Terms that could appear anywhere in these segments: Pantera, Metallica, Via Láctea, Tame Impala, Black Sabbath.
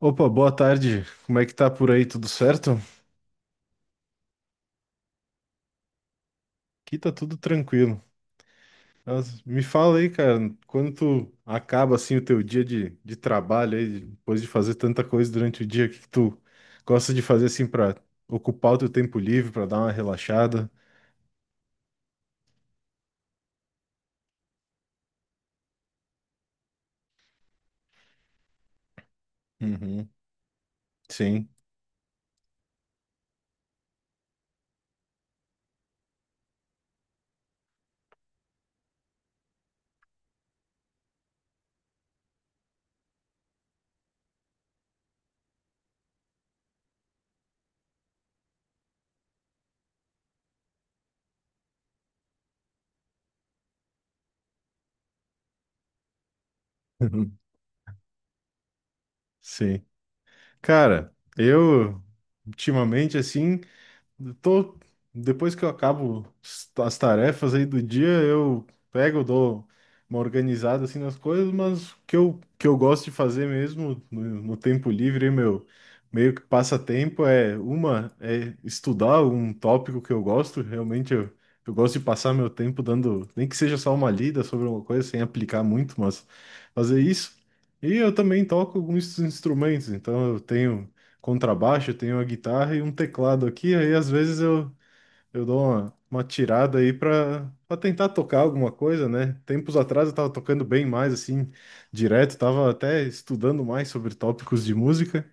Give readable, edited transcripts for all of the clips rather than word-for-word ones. Opa, boa tarde. Como é que tá por aí? Tudo certo? Aqui tá tudo tranquilo. Mas me fala aí, cara, quando tu acaba assim o teu dia de trabalho aí, depois de fazer tanta coisa durante o dia, o que que tu gosta de fazer assim pra ocupar o teu tempo livre, pra dar uma relaxada? Uhum. Sim. Sim. Cara, eu ultimamente assim. Eu tô, depois que eu acabo as tarefas aí do dia, eu pego, dou uma organizada assim nas coisas, mas o que eu gosto de fazer mesmo no tempo livre, meu meio que passatempo é estudar um tópico que eu gosto, realmente eu gosto de passar meu tempo dando, nem que seja só uma lida sobre uma coisa, sem aplicar muito, mas fazer isso. E eu também toco alguns instrumentos, então eu tenho contrabaixo, tenho uma guitarra e um teclado aqui, aí às vezes eu dou uma tirada aí para tentar tocar alguma coisa, né? Tempos atrás eu tava tocando bem mais, assim, direto, tava até estudando mais sobre tópicos de música,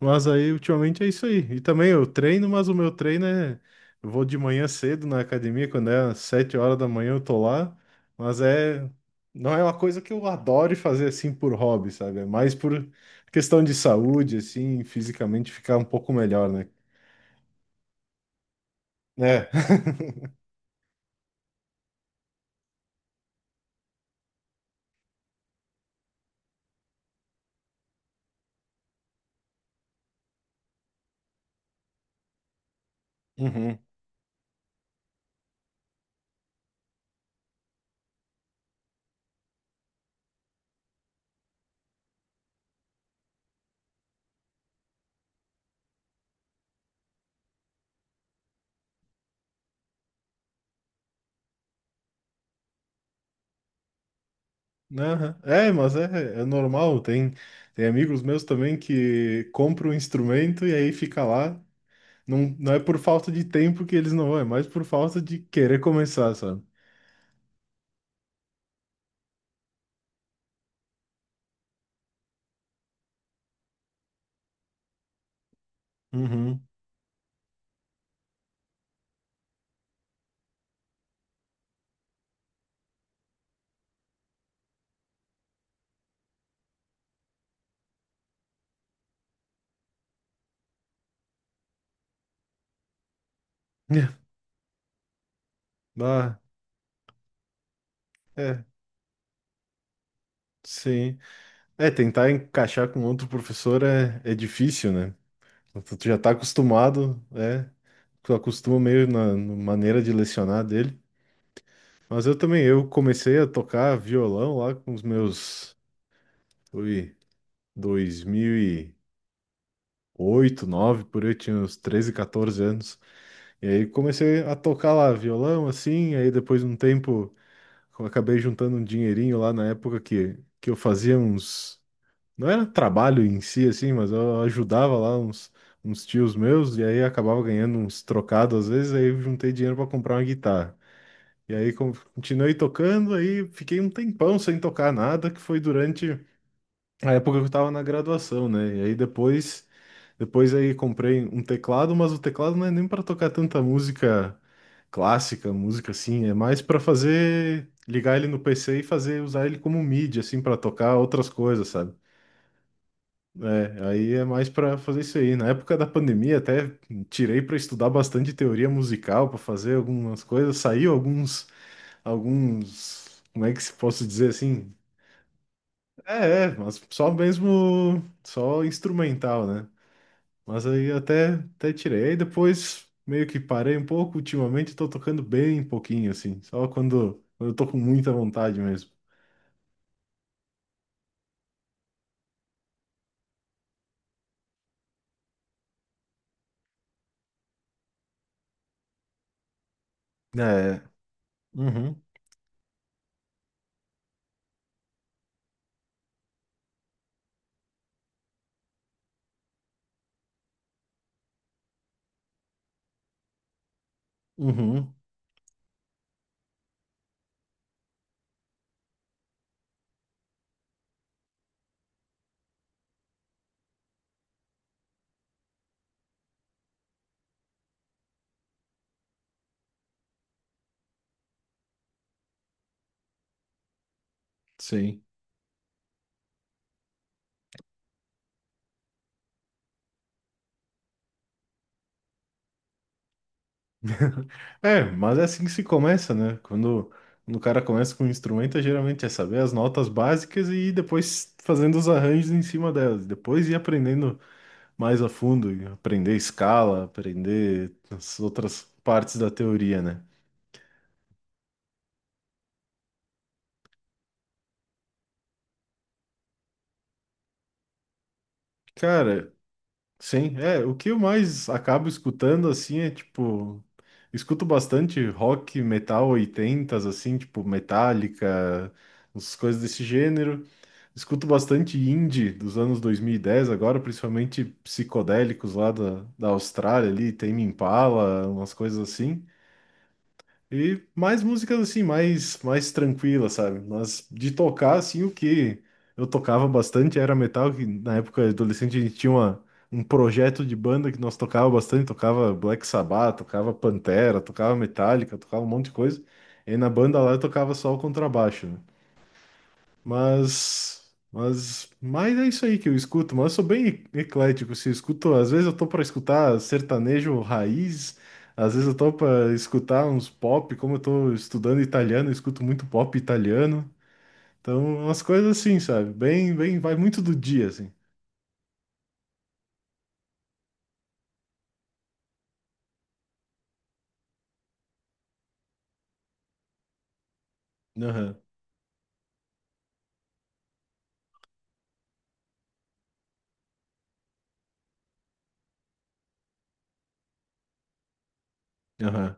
mas aí, ultimamente, é isso aí. E também eu treino, mas o meu treino é. Eu vou de manhã cedo na academia, quando é às 7 horas da manhã eu tô lá. Mas é. Não é uma coisa que eu adore fazer assim por hobby, sabe? É mais por questão de saúde, assim, fisicamente ficar um pouco melhor, né? É. Uhum. Aham. É, mas é normal. Tem amigos meus também que compram um instrumento e aí fica lá. Não, não é por falta de tempo que eles não vão, é mais por falta de querer começar, sabe? Uhum. É. Ah, é, sim. É, tentar encaixar com outro professor é difícil, né? Tu já tá acostumado, é. Tu acostuma meio na maneira de lecionar dele. Mas eu também, eu comecei a tocar violão lá com os meus, foi 2008, 9 por aí, eu tinha uns 13, 14 anos. E aí comecei a tocar lá violão, assim, aí depois de um tempo eu acabei juntando um dinheirinho lá na época que, eu fazia uns Não era trabalho em si, assim, mas eu ajudava lá uns tios meus, e aí acabava ganhando uns trocados às vezes, aí eu juntei dinheiro para comprar uma guitarra. E aí continuei tocando, aí fiquei um tempão sem tocar nada, que foi durante a época que eu estava na graduação, né? E aí depois aí comprei um teclado, mas o teclado não é nem para tocar tanta música clássica, música assim, é mais para fazer, ligar ele no PC e fazer, usar ele como mídia, assim, para tocar outras coisas, sabe? É, aí é mais pra fazer isso aí. Na época da pandemia, até tirei pra estudar bastante teoria musical, pra fazer algumas coisas. Saiu alguns, como é que se posso dizer assim? Mas só mesmo, só instrumental, né? Mas aí até, tirei. Aí depois meio que parei um pouco. Ultimamente tô tocando bem pouquinho, assim, só quando eu tô com muita vontade mesmo. É, uhum, uhum, sim. É, mas é assim que se começa, né? quando o cara começa com um instrumento, geralmente é saber as notas básicas e ir depois fazendo os arranjos em cima delas. Depois ir aprendendo mais a fundo, e aprender escala, aprender as outras partes da teoria, né? Cara, sim, é, o que eu mais acabo escutando assim é tipo, escuto bastante rock, metal 80 assim, tipo Metallica, as coisas desse gênero. Escuto bastante indie dos anos 2010 agora, principalmente psicodélicos lá da Austrália ali, Tame Impala, umas coisas assim. E mais músicas assim, mais tranquilas, sabe? Mas de tocar, assim, o que eu tocava bastante era metal, que na época adolescente a gente tinha um projeto de banda que nós tocava bastante, tocava Black Sabbath, tocava Pantera, tocava Metallica, tocava um monte de coisa. E na banda lá eu tocava só o contrabaixo, né? Mas é isso aí que eu escuto, mas eu sou bem eclético, se eu escuto, às vezes eu tô para escutar sertanejo raiz, às vezes eu tô para escutar uns pop, como eu tô estudando italiano, eu escuto muito pop italiano. Então, umas coisas assim, sabe? Bem, vai muito do dia assim. Aham. Aham.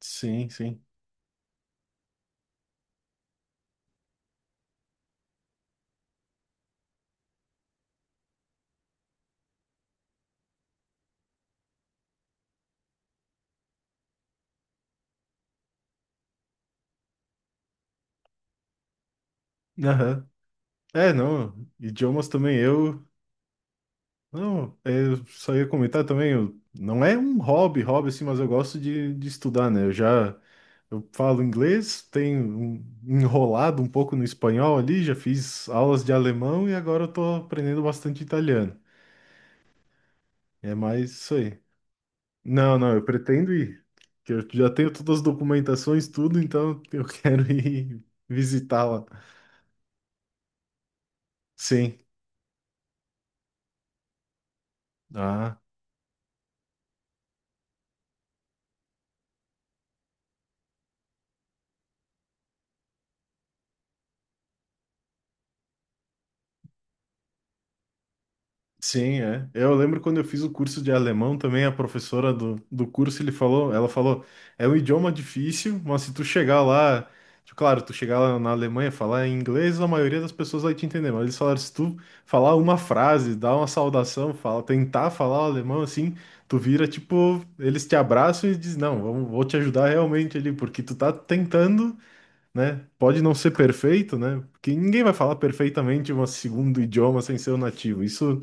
Sim, sim. Aham. É, não, idiomas também eu, não, é, eu só ia comentar também, eu, não é um hobby, hobby assim, mas eu gosto de estudar, né? Eu falo inglês, tenho enrolado um pouco no espanhol ali, já fiz aulas de alemão e agora eu tô aprendendo bastante italiano. É mais isso aí. Não, não, eu pretendo ir. Que Eu já tenho todas as documentações, tudo, então eu quero ir visitar lá. Sim. Ah. Sim, é. É, eu lembro quando eu fiz o curso de alemão também, a professora do curso, ela falou, é um idioma difícil, mas se tu chegar lá, tipo, claro, tu chegar lá na Alemanha, falar em inglês, a maioria das pessoas vai te entender, mas eles falaram, se tu falar uma frase, dar uma saudação, tentar falar o alemão assim, tu vira, tipo, eles te abraçam e dizem, não, vamos, vou te ajudar realmente ali, porque tu tá tentando, né? Pode não ser perfeito, né? Porque ninguém vai falar perfeitamente um segundo idioma sem ser o nativo. Isso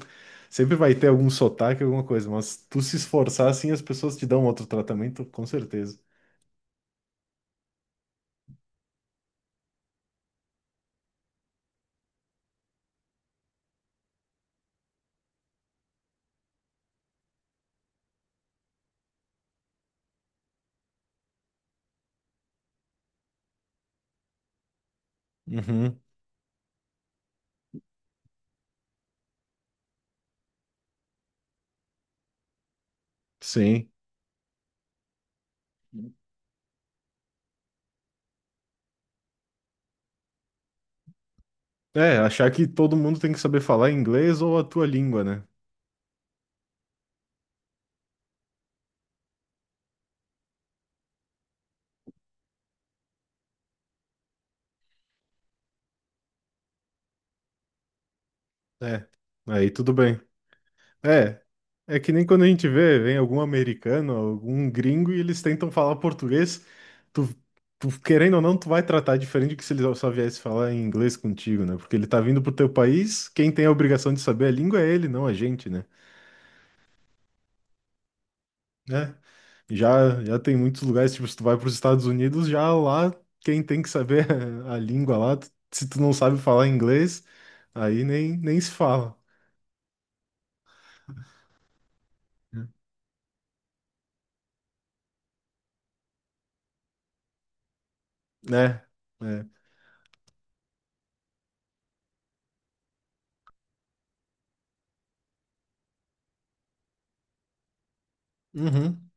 sempre vai ter algum sotaque, alguma coisa, mas tu se esforçar assim, as pessoas te dão outro tratamento, com certeza. Uhum, sim. É, achar que todo mundo tem que saber falar inglês ou a tua língua, né? É. Aí tudo bem. É, é que nem quando a gente vem algum americano, algum gringo e eles tentam falar português, tu, tu querendo ou não, tu vai tratar diferente do que se ele só viesse falar em inglês contigo, né? Porque ele tá vindo pro teu país, quem tem a obrigação de saber a língua é ele, não a gente, né? Né? Já tem muitos lugares, tipo, se tu vai pros Estados Unidos, já lá quem tem que saber a língua lá, se tu não sabe falar inglês, aí nem se fala, né? É. Uhum,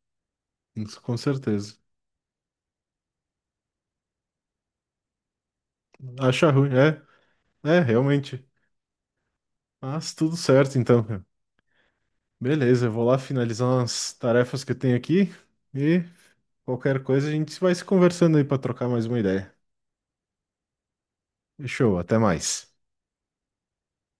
isso, com certeza. Acha ruim, é. É, realmente. Mas tudo certo então, cara. Beleza, eu vou lá finalizar umas tarefas que eu tenho aqui e qualquer coisa a gente vai se conversando aí para trocar mais uma ideia. Fechou, até mais.